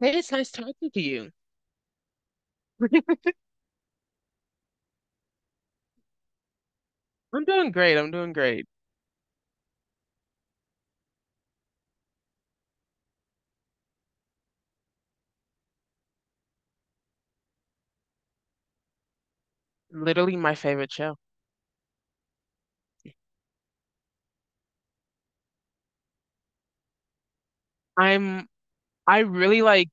Hey, it's nice talking to you. I'm doing great. I'm doing great. Literally my favorite show. I'm I really like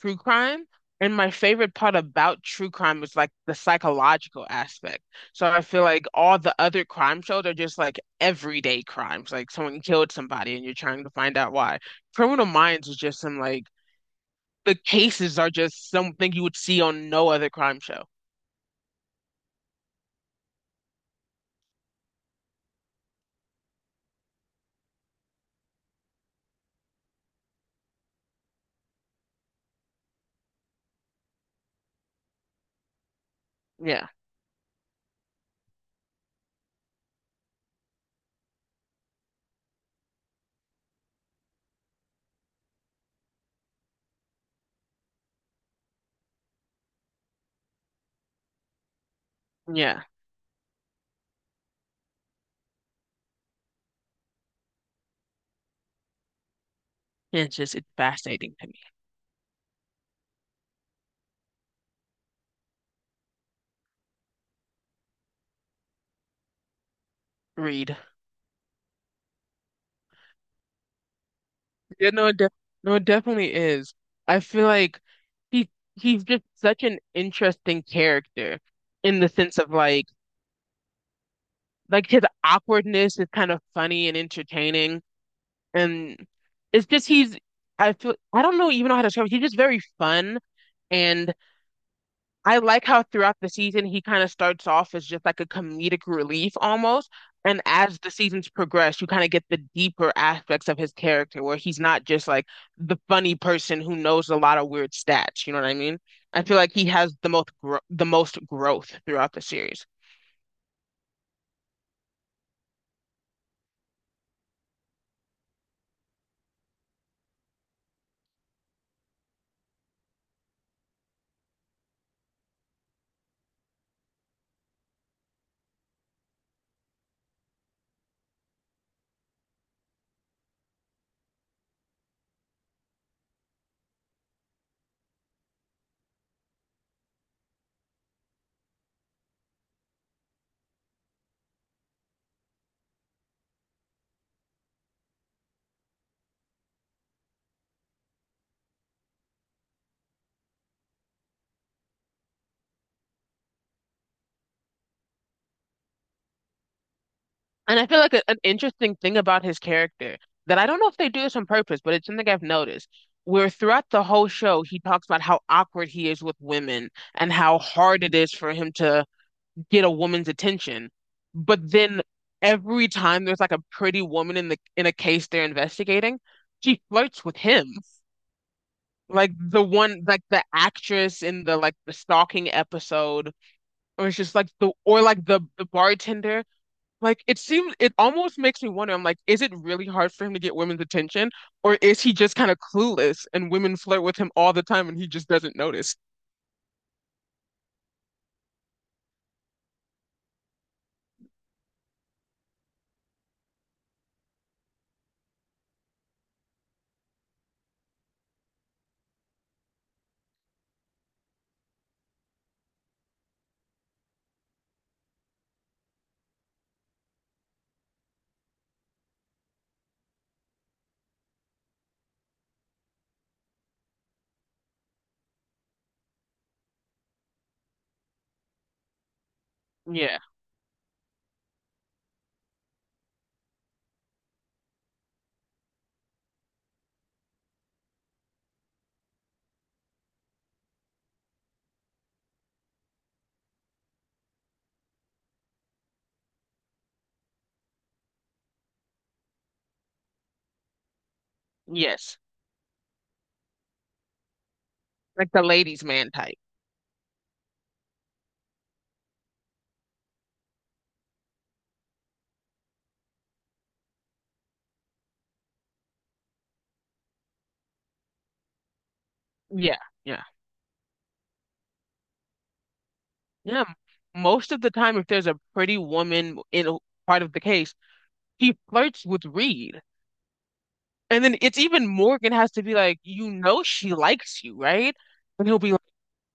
true crime, and my favorite part about true crime is like the psychological aspect. So I feel like all the other crime shows are just like everyday crimes, like someone killed somebody and you're trying to find out why. Criminal Minds is just some like the cases are just something you would see on no other crime show. Yeah. Yeah. It's fascinating to me. Read. Yeah, no, it de no, it definitely is. I feel like he he's just such an interesting character in the sense of like his awkwardness is kind of funny and entertaining, and it's just he's I feel I don't know even know how to describe it. He's just very fun and I like how throughout the season he kind of starts off as just like a comedic relief almost. And as the seasons progress, you kind of get the deeper aspects of his character where he's not just like the funny person who knows a lot of weird stats. You know what I mean? I feel like he has the most growth throughout the series. And I feel like an interesting thing about his character that I don't know if they do this on purpose, but it's something I've noticed. Where throughout the whole show, he talks about how awkward he is with women and how hard it is for him to get a woman's attention. But then every time there's like a pretty woman in a case they're investigating, she flirts with him. Like the one like the actress in the like the stalking episode, or it's just like the or like the bartender. Like it seems it almost makes me wonder, I'm like, is it really hard for him to get women's attention? Or is he just kind of clueless and women flirt with him all the time and he just doesn't notice? Yeah. Yes. Like the ladies' man type. Yeah. Yeah. Yeah, most of the time, if there's a pretty woman in a part of the case, he flirts with Reed. And then it's even Morgan has to be like, you know, she likes you, right? And he'll be like,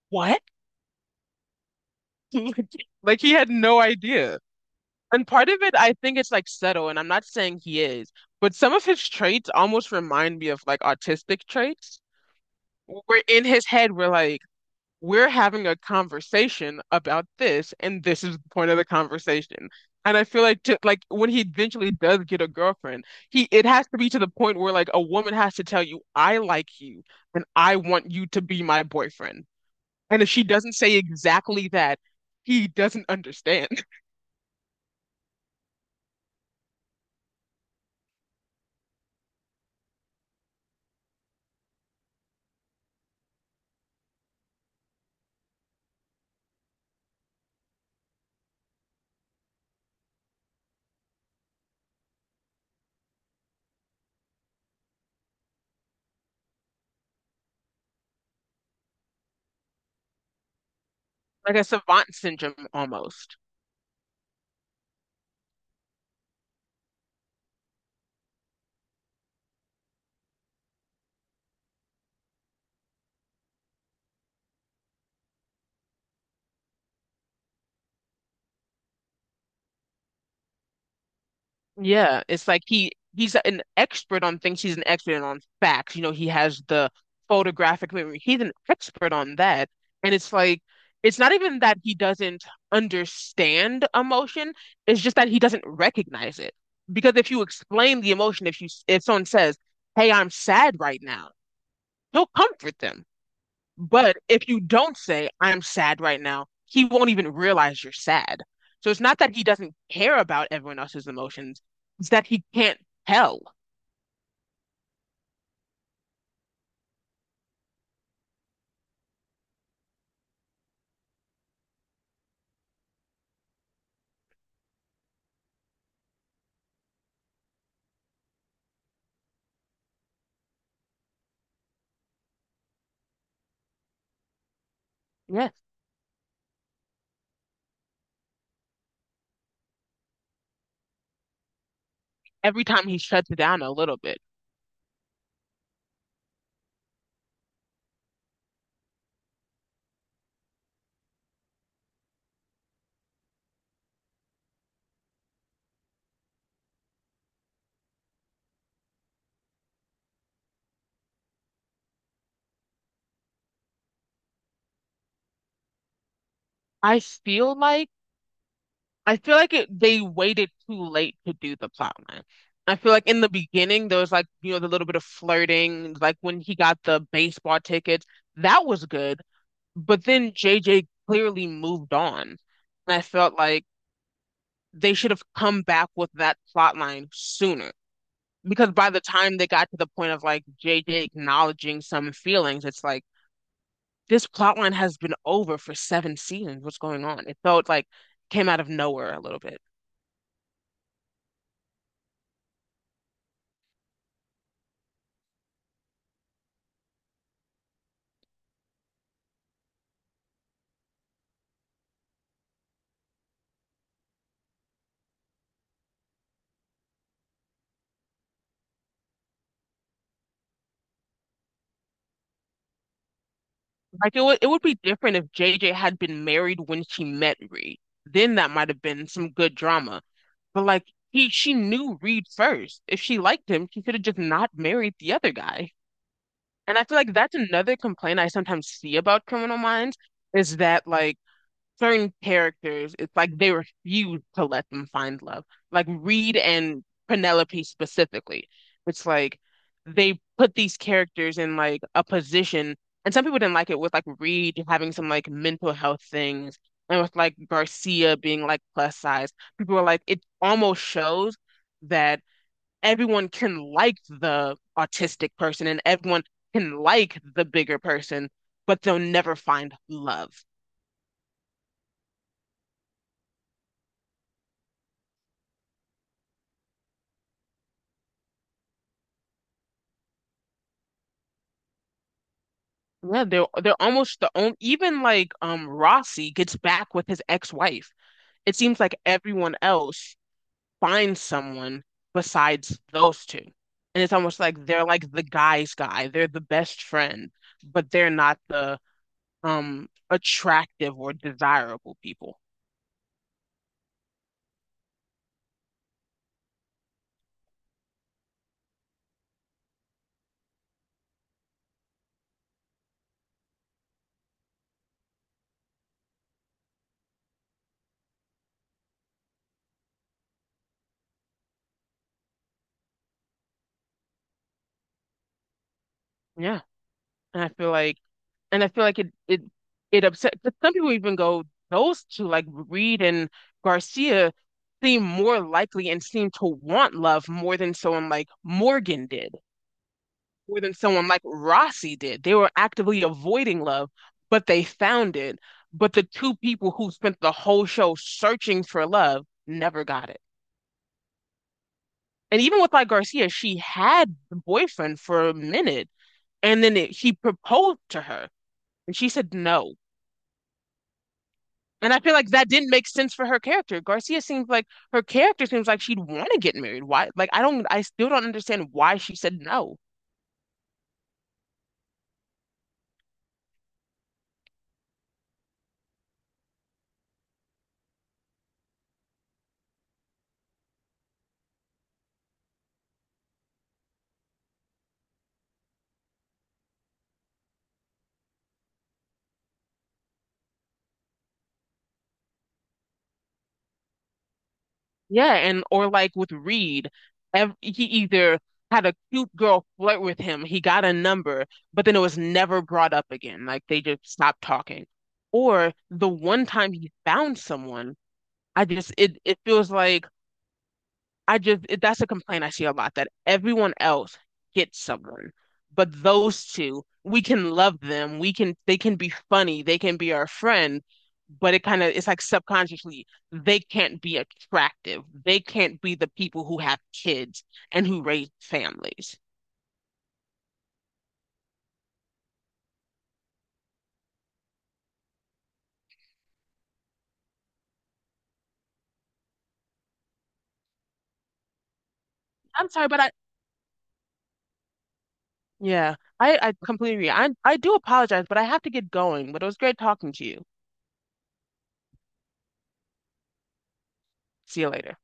what? Like he had no idea. And part of it, I think it's like subtle, and I'm not saying he is, but some of his traits almost remind me of like autistic traits. Where in his head, we're like, we're having a conversation about this, and this is the point of the conversation. And I feel like to, like when he eventually does get a girlfriend, he it has to be to the point where like a woman has to tell you, I like you and I want you to be my boyfriend. And if she doesn't say exactly that, he doesn't understand. Like a savant syndrome almost. Yeah, it's like he's an expert on things. He's an expert on facts. You know, he has the photographic memory. He's an expert on that. And it's like it's not even that he doesn't understand emotion. It's just that he doesn't recognize it. Because if you explain the emotion, if someone says, "Hey, I'm sad right now," he'll comfort them. But if you don't say, I'm sad right now, he won't even realize you're sad. So it's not that he doesn't care about everyone else's emotions, it's that he can't tell. Yes. Every time he shuts it down a little bit. I feel like I feel like they waited too late to do the plot line. I feel like in the beginning there was like, the little bit of flirting, like when he got the baseball tickets, that was good. But then JJ clearly moved on. And I felt like they should have come back with that plot line sooner. Because by the time they got to the point of like JJ acknowledging some feelings, it's like this plot line has been over for seven seasons. What's going on? It felt like came out of nowhere a little bit. Like it would be different if JJ had been married when she met Reed. Then that might have been some good drama. But like he she knew Reed first. If she liked him, she could have just not married the other guy. And I feel like that's another complaint I sometimes see about Criminal Minds is that like certain characters, it's like they refuse to let them find love. Like Reed and Penelope specifically. It's like they put these characters in like a position, and some people didn't like it with like Reed having some like mental health things and with like Garcia being like plus size. People were like, it almost shows that everyone can like the autistic person and everyone can like the bigger person, but they'll never find love. Yeah, they're almost the only even like Rossi gets back with his ex-wife. It seems like everyone else finds someone besides those two. And it's almost like they're like the guy's guy. They're the best friend, but they're not the attractive or desirable people. Yeah. And I feel like and I feel like it it upset. But some people even go those two, like Reed and Garcia, seem more likely and seem to want love more than someone like Morgan did, more than someone like Rossi did. They were actively avoiding love, but they found it. But the two people who spent the whole show searching for love never got it. And even with like Garcia, she had the boyfriend for a minute, and then he proposed to her, and she said no. And I feel like that didn't make sense for her character. Garcia seems like her character seems like she'd want to get married. Why? Like I still don't understand why she said no. Yeah, and or like with Reed, ev he either had a cute girl flirt with him, he got a number, but then it was never brought up again. Like they just stopped talking. Or the one time he found someone, I just it it feels like I just it, that's a complaint I see a lot that everyone else gets someone, but those two, we can love them. We can they can be funny, they can be our friend, but it kind of it's like subconsciously they can't be attractive. They can't be the people who have kids and who raise families. I'm sorry, but I yeah, I completely agree. I do apologize, but I have to get going. But it was great talking to you. See you later.